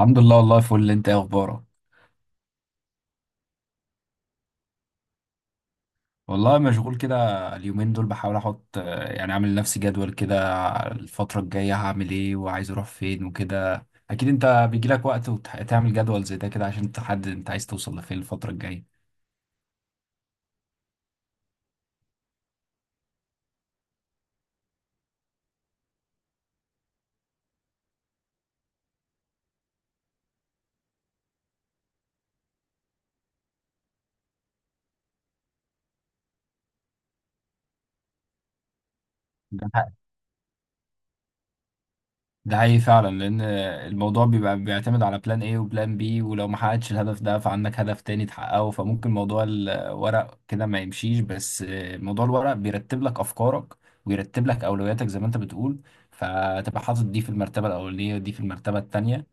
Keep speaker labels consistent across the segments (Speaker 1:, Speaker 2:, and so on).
Speaker 1: الحمد لله. والله فل، انت ايه اخبارك؟ والله مشغول كده. اليومين دول بحاول احط يعني اعمل لنفسي جدول كده. الفترة الجاية هعمل ايه وعايز اروح فين وكده. اكيد انت بيجيلك وقت وتعمل جدول زي ده كده عشان تحدد انت عايز توصل لفين الفترة الجاية. ده حقيقي فعلا، لان الموضوع بيبقى بيعتمد على بلان ايه وبلان بي. ولو ما حققتش الهدف ده فعندك هدف تاني تحققه، فممكن موضوع الورق كده ما يمشيش، بس موضوع الورق بيرتب لك افكارك، ويرتب لك اولوياتك زي ما انت بتقول. فتبقى حاطط دي في المرتبة الاولانية ودي في المرتبة التانية.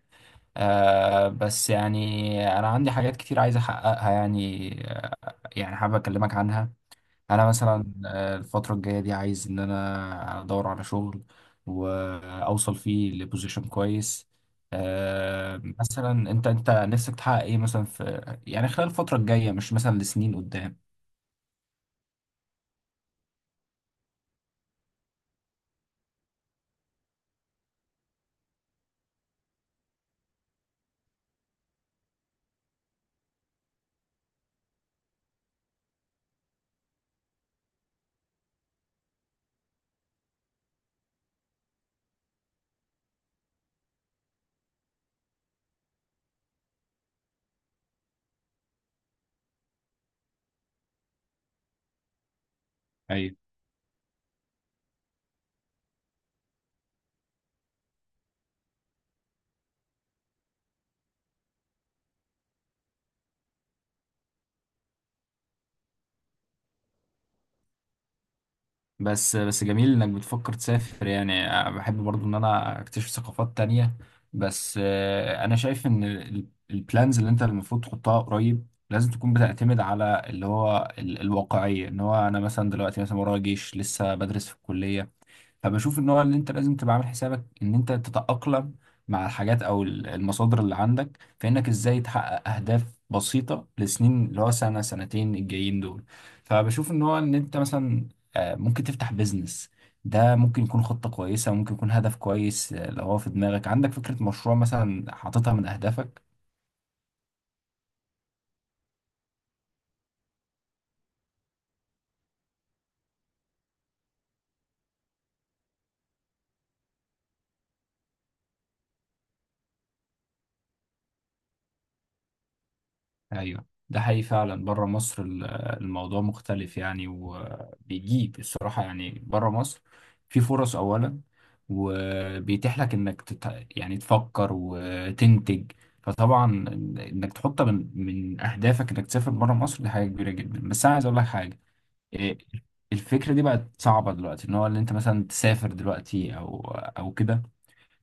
Speaker 1: بس يعني انا عندي حاجات كتير عايز احققها يعني. يعني حابب اكلمك عنها. انا مثلا، الفتره الجايه دي عايز ان انا ادور على شغل واوصل فيه لبوزيشن كويس. مثلا انت نفسك تحقق ايه مثلا في، يعني خلال الفتره الجايه، مش مثلا لسنين قدام. ايوه. بس جميل انك بتفكر تسافر. يعني أنا بحب برضو ان انا اكتشف ثقافات تانية. بس، انا شايف ان البلانز اللي انت المفروض تحطها قريب لازم تكون بتعتمد على اللي هو الواقعية. ان هو انا مثلا دلوقتي مثلا ورايا جيش، لسه بدرس في الكلية. فبشوف ان هو اللي انت لازم تبقى عامل حسابك ان انت تتأقلم مع الحاجات او المصادر اللي عندك، فانك ازاي تحقق اهداف بسيطة لسنين اللي هو سنة سنتين الجايين دول. فبشوف ان هو ان انت مثلا ممكن تفتح بيزنس. ده ممكن يكون خطة كويسة، ممكن يكون هدف كويس. لو هو في دماغك عندك فكرة مشروع مثلا حاططها من اهدافك. ايوه، ده حقيقي فعلا. بره مصر الموضوع مختلف يعني، وبيجيب الصراحه يعني. بره مصر في فرص اولا، وبيتيح لك انك يعني تفكر وتنتج. فطبعا انك تحط من اهدافك انك تسافر بره مصر دي حاجه كبيره جدا. بس انا عايز اقول لك حاجه. إيه، الفكره دي بقت صعبه دلوقتي، ان هو اللي انت مثلا تسافر دلوقتي او كده.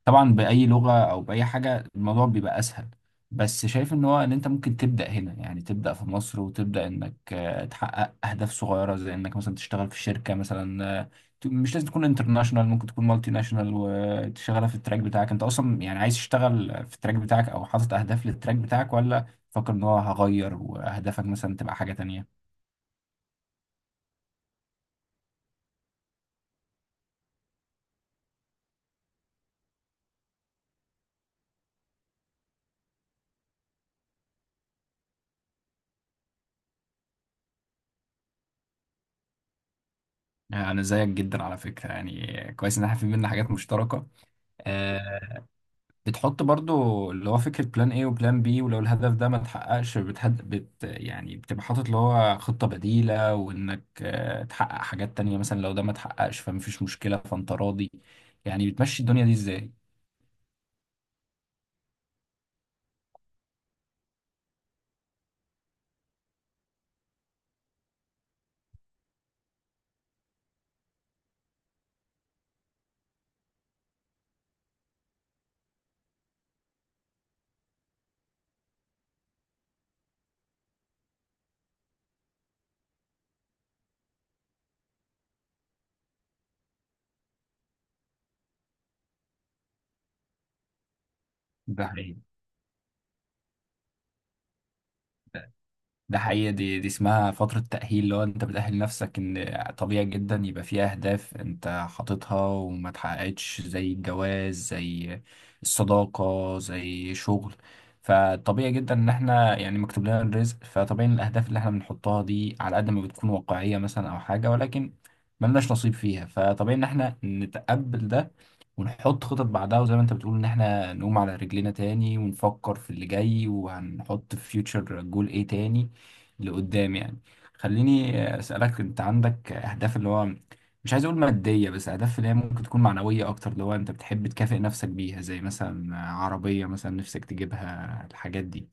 Speaker 1: طبعا بأي لغة أو بأي حاجة الموضوع بيبقى أسهل. بس شايف إن هو إن أنت ممكن تبدأ هنا، يعني تبدأ في مصر وتبدأ إنك تحقق أهداف صغيرة زي إنك مثلا تشتغل في شركة مثلا. مش لازم تكون انترناشونال، ممكن تكون مالتي ناشونال وتشتغلها في التراك بتاعك. أنت أصلا يعني عايز تشتغل في التراك بتاعك أو حاطط أهداف للتراك بتاعك ولا فاكر إن هو هغير وأهدافك مثلا تبقى حاجة تانية؟ أنا زيك جدا على فكرة يعني. كويس إن إحنا في بينا حاجات مشتركة. آه، بتحط برضو اللي هو فكرة بلان ايه وبلان بي. ولو الهدف ده ما اتحققش بتهد بت يعني بتبقى حاطط اللي هو خطة بديلة، وانك تحقق حاجات تانية، مثلا لو ده ما اتحققش فمفيش مشكلة، فانت راضي. يعني بتمشي الدنيا دي ازاي؟ ده حقيقي. ده حقيقة. دي اسمها فترة تأهيل، اللي هو انت بتأهل نفسك ان طبيعي جدا يبقى في اهداف انت حاططها وما اتحققتش، زي الجواز زي الصداقة زي شغل. فطبيعي جدا ان احنا يعني مكتوب لنا الرزق، فطبيعي ان الاهداف اللي احنا بنحطها دي على قد ما بتكون واقعية مثلا او حاجة ولكن ملناش نصيب فيها، فطبيعي ان احنا نتقبل ده، ونحط خطط بعدها. وزي ما انت بتقول ان احنا نقوم على رجلينا تاني، ونفكر في اللي جاي وهنحط في فيوتشر جول ايه تاني لقدام يعني. خليني اسالك، انت عندك اهداف اللي هو، مش عايز اقول ماديه، بس اهداف اللي هي ممكن تكون معنويه اكتر، اللي هو انت بتحب تكافئ نفسك بيها زي مثلا عربيه مثلا نفسك تجيبها، الحاجات دي؟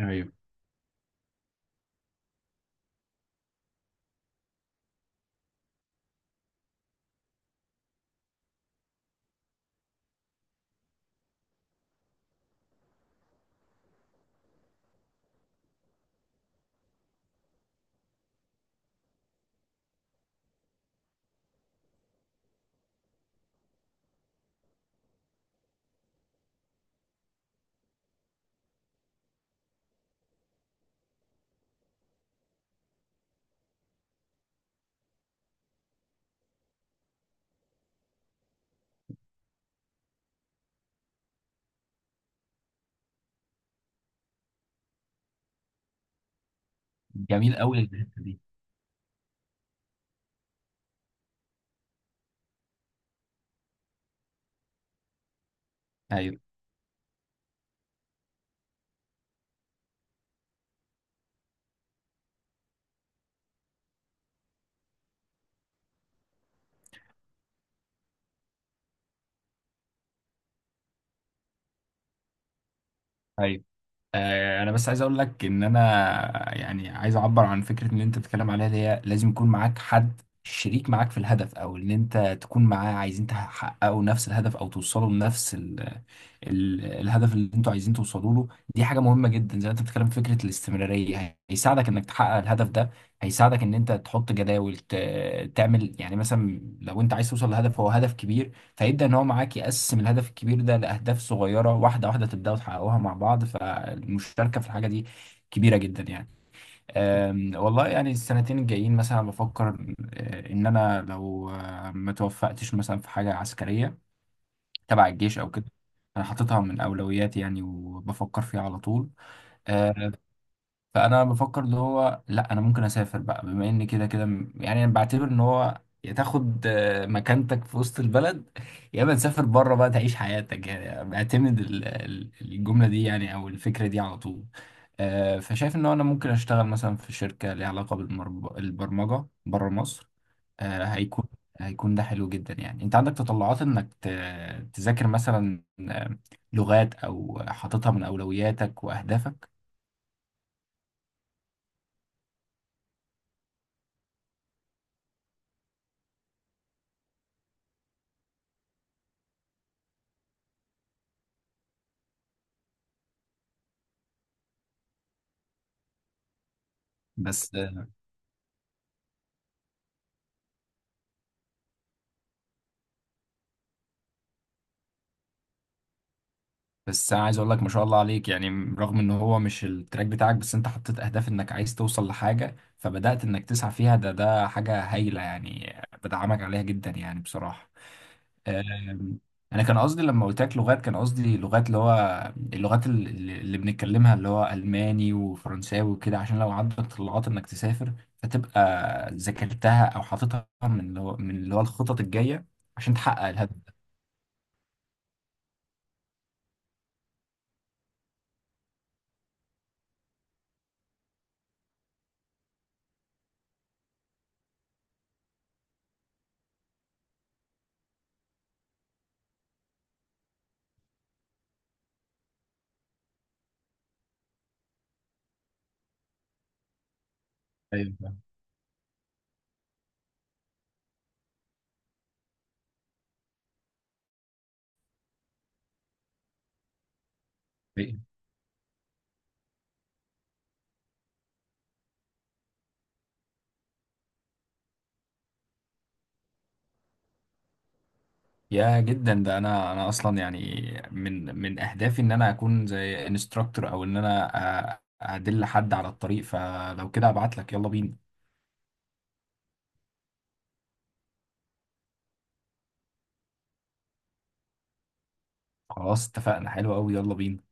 Speaker 1: ايوه. جميل قوي الحته دي. ايوه، ايوه. انا بس عايز اقول لك ان انا يعني عايز اعبر عن فكره ان انت بتتكلم عليها، اللي هي لازم يكون معاك حد شريك معاك في الهدف، او ان انت تكون معاه عايزين تحققوا نفس الهدف او توصلوا لنفس ال الهدف اللي انتوا عايزين توصلوا له. دي حاجه مهمه جدا. زي ما انت بتتكلم في فكره الاستمراريه، هيساعدك انك تحقق الهدف ده، هيساعدك ان انت تحط جداول، تعمل يعني مثلا لو انت عايز توصل لهدف هو هدف كبير، فيبدأ إن هو معاك يقسم الهدف الكبير ده لأهداف صغيرة واحدة واحدة، تبدأوا تحققوها مع بعض. فالمشاركة في الحاجة دي كبيرة جدا يعني. والله يعني السنتين الجايين مثلا بفكر، إن أنا لو ما توفقتش مثلا في حاجة عسكرية تبع الجيش أو كده. أنا حاططها من أولوياتي يعني، وبفكر فيها على طول. آه، فانا بفكر اللي هو، لا، انا ممكن اسافر بقى بما ان كده كده. يعني انا بعتبر ان هو يا تاخد مكانتك في وسط البلد، يا اما تسافر بره بقى تعيش حياتك يعني. بعتمد الجمله دي يعني او الفكره دي على طول. فشايف ان انا ممكن اشتغل مثلا في شركه ليها علاقه بالبرمجه بره مصر. آه، هيكون هيكون ده حلو جدا يعني. انت عندك تطلعات انك تذاكر مثلا آه، لغات، او حاططها من اولوياتك واهدافك؟ بس بس انا عايز اقول لك ما شاء الله عليك يعني، رغم ان هو مش التراك بتاعك بس انت حطيت اهداف انك عايز توصل لحاجة فبدأت انك تسعى فيها. ده حاجة هايلة يعني، بدعمك عليها جدا يعني بصراحة. أم، انا كان قصدي لما قلت لك لغات، كان قصدي لغات اللي هو اللغات، اللي بنتكلمها، اللي هو الماني وفرنساوي وكده، عشان لو عندك طلعات انك تسافر فتبقى ذاكرتها او حاططها من اللي هو الخطط الجاية عشان تحقق الهدف ده. ايوه، فاهم. يا جدا ده، انا اصلا يعني من اهدافي ان انا اكون زي انستراكتور، او ان انا ادل حد على الطريق. فلو كده ابعت لك، يلا بينا. خلاص اتفقنا، حلو قوي، يلا بينا.